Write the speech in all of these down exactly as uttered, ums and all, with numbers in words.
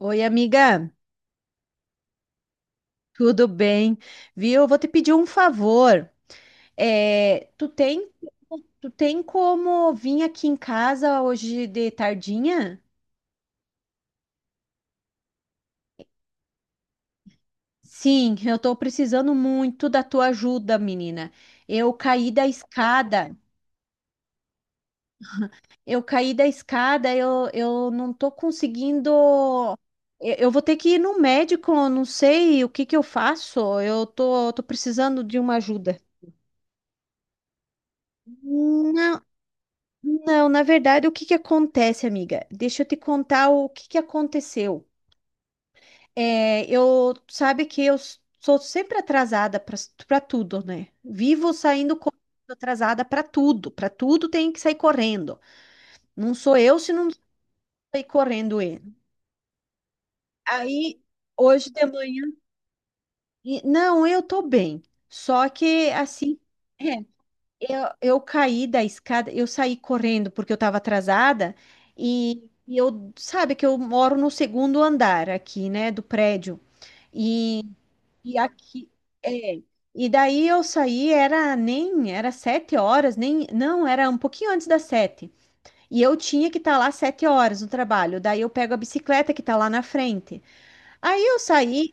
Oi, amiga, tudo bem? Viu? Eu vou te pedir um favor. É, tu tem, tu tem como vir aqui em casa hoje de tardinha? Sim, eu tô precisando muito da tua ajuda, menina. Eu caí da escada. Eu caí da escada, eu, eu não tô conseguindo. Eu, eu vou ter que ir no médico, eu não sei o que que eu faço. Eu tô, tô precisando de uma ajuda. Não. Não, na verdade, o que que acontece, amiga? Deixa eu te contar o que que aconteceu. É, eu sabe que eu s- sou sempre atrasada para tudo, né? Vivo saindo correndo atrasada para tudo, para tudo tem que sair correndo. Não sou eu se não sair correndo ele. Aí hoje de manhã, e- não, eu tô bem. Só que assim, é, Eu, eu caí da escada, eu saí correndo porque eu estava atrasada e, e eu, sabe que eu moro no segundo andar aqui, né, do prédio. E, e aqui, é, e daí eu saí, era nem, era sete horas, nem, não, era um pouquinho antes das sete. E eu tinha que estar lá sete horas no trabalho. Daí eu pego a bicicleta que está lá na frente. Aí eu saí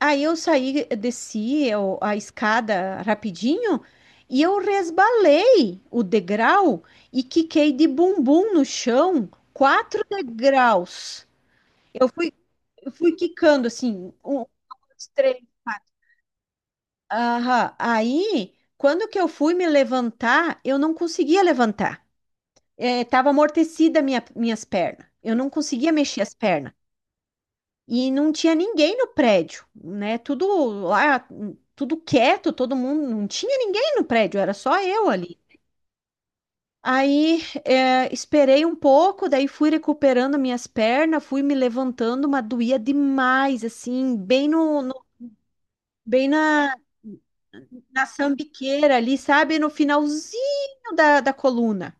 Aí eu saí, desci eu- a escada rapidinho e eu resbalei o degrau e quiquei de bumbum no chão, quatro degraus. Eu fui, eu fui quicando assim, um, dois, três. Aham. Aí, quando que eu fui me levantar, eu não conseguia levantar. Estava amortecida minha, minhas pernas. Eu não conseguia mexer as pernas. E não tinha ninguém no prédio, né? Tudo lá, tudo quieto, todo mundo, não tinha ninguém no prédio, era só eu ali. Aí, eh, esperei um pouco, daí fui recuperando minhas pernas, fui me levantando, mas doía demais, assim, bem no, no- bem na, na sambiqueira ali, sabe? No finalzinho da, da coluna.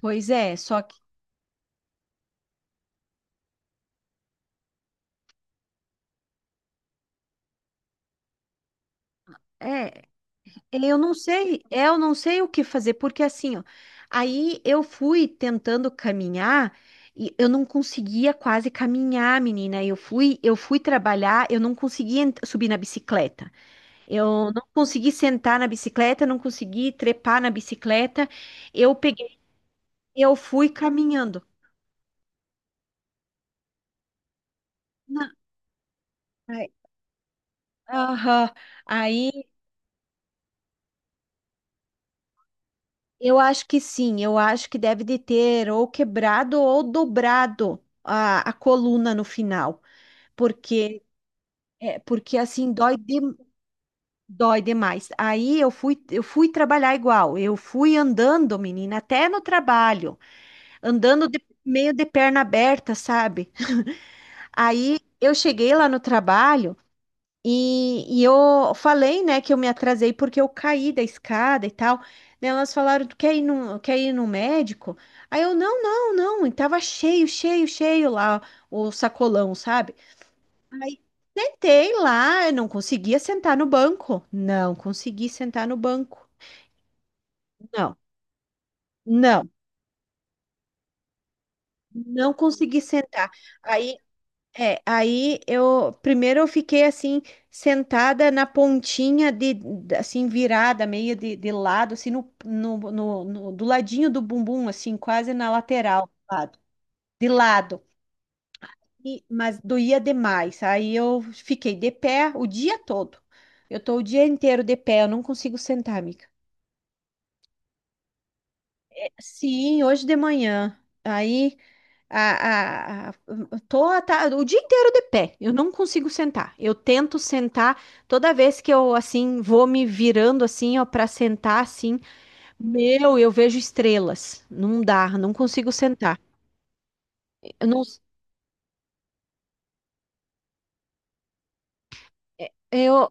Pois é, só que. É, Eu não sei, é, eu não sei o que fazer, porque assim, ó, aí eu fui tentando caminhar e eu não conseguia quase caminhar, menina. Eu fui, eu fui trabalhar, eu não conseguia ent- subir na bicicleta. Eu não consegui sentar na bicicleta, não consegui trepar na bicicleta. Eu peguei, eu fui caminhando. Na- Ai, aham. Aí eu acho que sim, eu acho que deve de ter ou quebrado ou dobrado a, a coluna no final. porque é, porque assim dói de- dói demais. Aí eu fui eu fui trabalhar igual. Eu fui andando, menina, até no trabalho, andando de- meio de perna aberta, sabe? Aí eu cheguei lá no trabalho e, e eu falei, né, que eu me atrasei porque eu caí da escada e tal. Daí elas falaram, tu quer ir no, quer ir no médico? Aí eu, não, não, não, e tava cheio, cheio, cheio lá o sacolão, sabe? Aí sentei lá, eu não conseguia sentar no banco. Não consegui sentar no banco. Não, não, não consegui sentar. Aí, é, aí eu primeiro eu fiquei assim sentada na pontinha de de- assim virada meio de, de lado, assim no, no, no, no- do ladinho do bumbum, assim quase na lateral, lado, de lado. E- mas doía demais. Aí eu fiquei de pé o dia todo. Eu tô o dia inteiro de pé, eu não consigo sentar, amiga. Sim, hoje de manhã. Aí, a, a, a- tô a ta- o dia inteiro de pé. Eu não consigo sentar. Eu tento sentar toda vez que eu assim vou me virando assim, ó, para sentar assim. Meu, eu vejo estrelas. Não dá, não consigo sentar. Eu não, é, eu,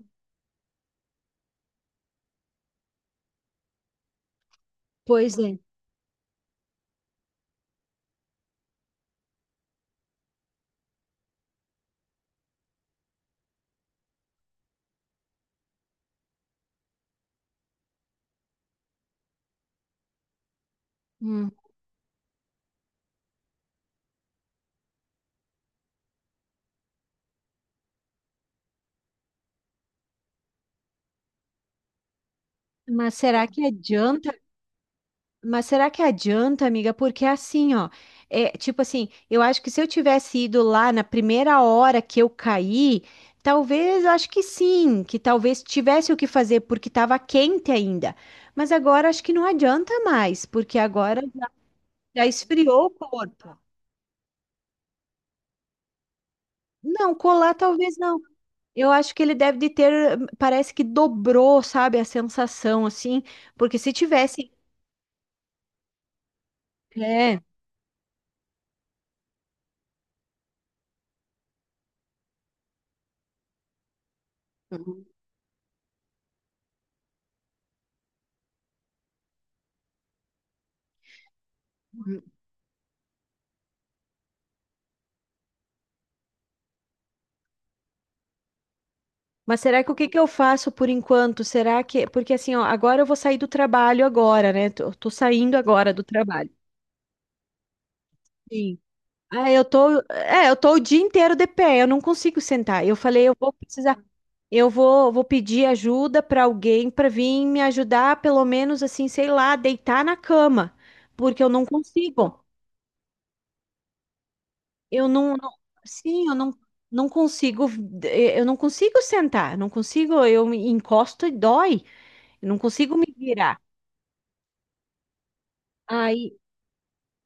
Pois é. Hum, Mas será que adianta? Mas será que adianta, amiga? Porque assim, ó, é tipo assim, eu acho que se eu tivesse ido lá na primeira hora que eu caí, talvez, eu acho que sim, que talvez tivesse o que fazer porque estava quente ainda. Mas agora acho que não adianta mais, porque agora já esfriou o corpo. Não, colar talvez não. Eu acho que ele deve de ter, parece que dobrou, sabe, a sensação assim, porque se tivesse, é. Mas será que o que que eu faço por enquanto? Será que. Porque assim, ó, agora eu vou sair do trabalho agora, né? Tô, tô saindo agora do trabalho. Sim. Ah, eu tô. É, eu tô o dia inteiro de pé, eu não consigo sentar. Eu falei, eu vou precisar. Eu vou, vou pedir ajuda pra alguém pra vir me ajudar, pelo menos assim, sei lá, deitar na cama. Porque eu não consigo. Eu não, não- sim, eu não, não consigo. eh, Eu não consigo sentar. Não consigo, eu me encosto e dói. Eu não consigo me virar. Aí,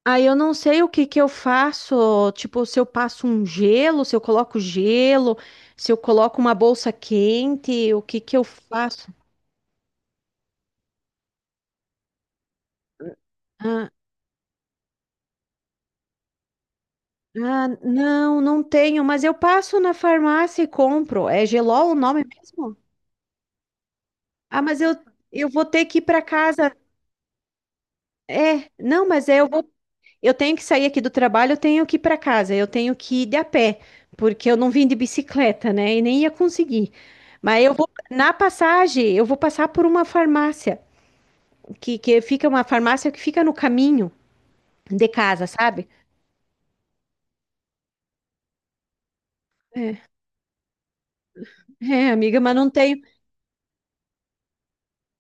aí eu não sei o que que eu faço, tipo, se eu passo um gelo, se eu coloco gelo, se eu coloco uma bolsa quente, o que que eu faço? Ah, ah, não, não tenho, mas eu passo na farmácia e compro. É gelol o nome mesmo? Ah, mas eu, eu vou ter que ir para casa. É, não, mas é, eu vou. Eu tenho que sair aqui do trabalho, eu tenho que ir para casa, eu tenho que ir de a pé, porque eu não vim de bicicleta, né? E nem ia conseguir. Mas eu vou, na passagem, eu vou passar por uma farmácia, que, que fica uma farmácia que fica no caminho de casa, sabe? É, é, Amiga, mas não tenho.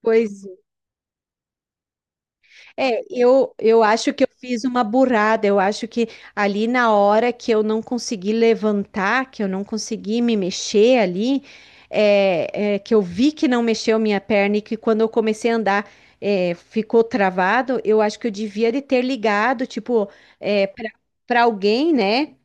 Pois É, eu, eu acho que eu fiz uma burrada. Eu acho que ali na hora que eu não consegui levantar, que eu não consegui me mexer ali, é, é, que eu vi que não mexeu minha perna e que quando eu comecei a andar, é, ficou travado, eu acho que eu devia de ter ligado, tipo, para para alguém, né?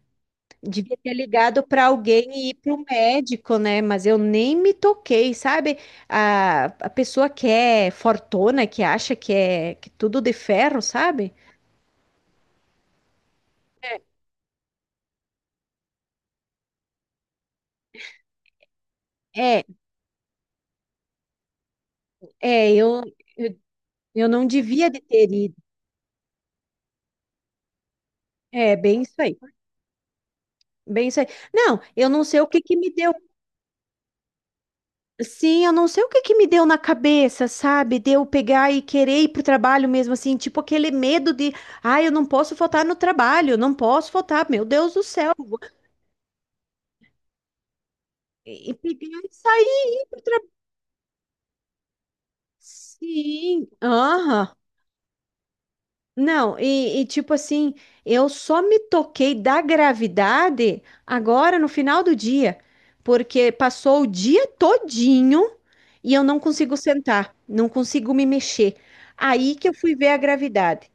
Devia ter ligado para alguém e ir para o médico, né? Mas eu nem me toquei, sabe? A, a pessoa que é fortona, que acha que é que tudo de ferro, sabe? É, é, eu, eu, eu não devia de ter ido. É, bem isso aí, bem isso aí. Não, eu não sei o que que me deu. Sim, eu não sei o que que me deu na cabeça, sabe? De eu pegar e querer ir pro trabalho mesmo, assim, tipo aquele medo de, ah, eu não posso faltar no trabalho, eu não posso faltar, meu Deus do céu. E pedir isso aí ir pro trabalho. Sim, aham. Não, e, e tipo assim, eu só me toquei da gravidade agora no final do dia, porque passou o dia todinho e eu não consigo sentar, não consigo me mexer. Aí que eu fui ver a gravidade.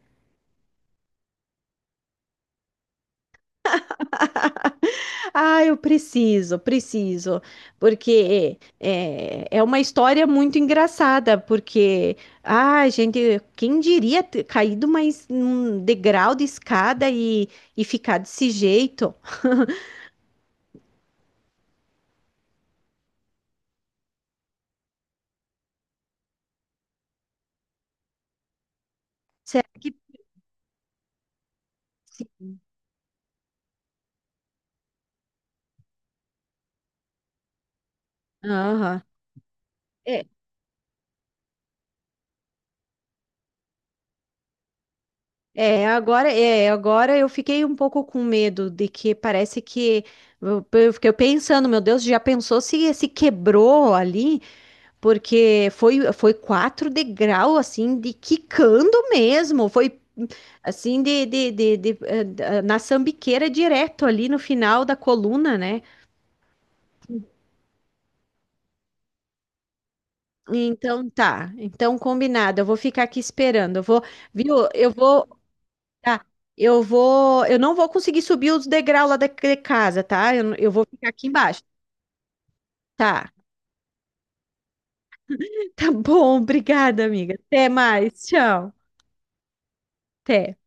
Ah, eu preciso, preciso, porque é, é uma história muito engraçada, porque, ah, gente, quem diria ter caído mais um degrau de escada e, e ficar desse jeito? Será que... Aham. É, é, agora, é, agora eu fiquei um pouco com medo de que parece que... Eu, eu fiquei pensando, meu Deus, já pensou se se quebrou ali? Porque foi, foi quatro degrau, assim, de quicando mesmo. Foi, assim, de, de, de, de, eh, da- na sambiqueira direto ali no final da coluna, né? Então tá. Então combinado. Eu vou ficar aqui esperando. Eu vou, viu? Eu vou. tá. Eu vou, eu não vou conseguir subir os degraus lá da de casa, tá? Eu, eu vou ficar aqui embaixo. Tá. Tá bom, obrigada, amiga. Até mais. Tchau. Até.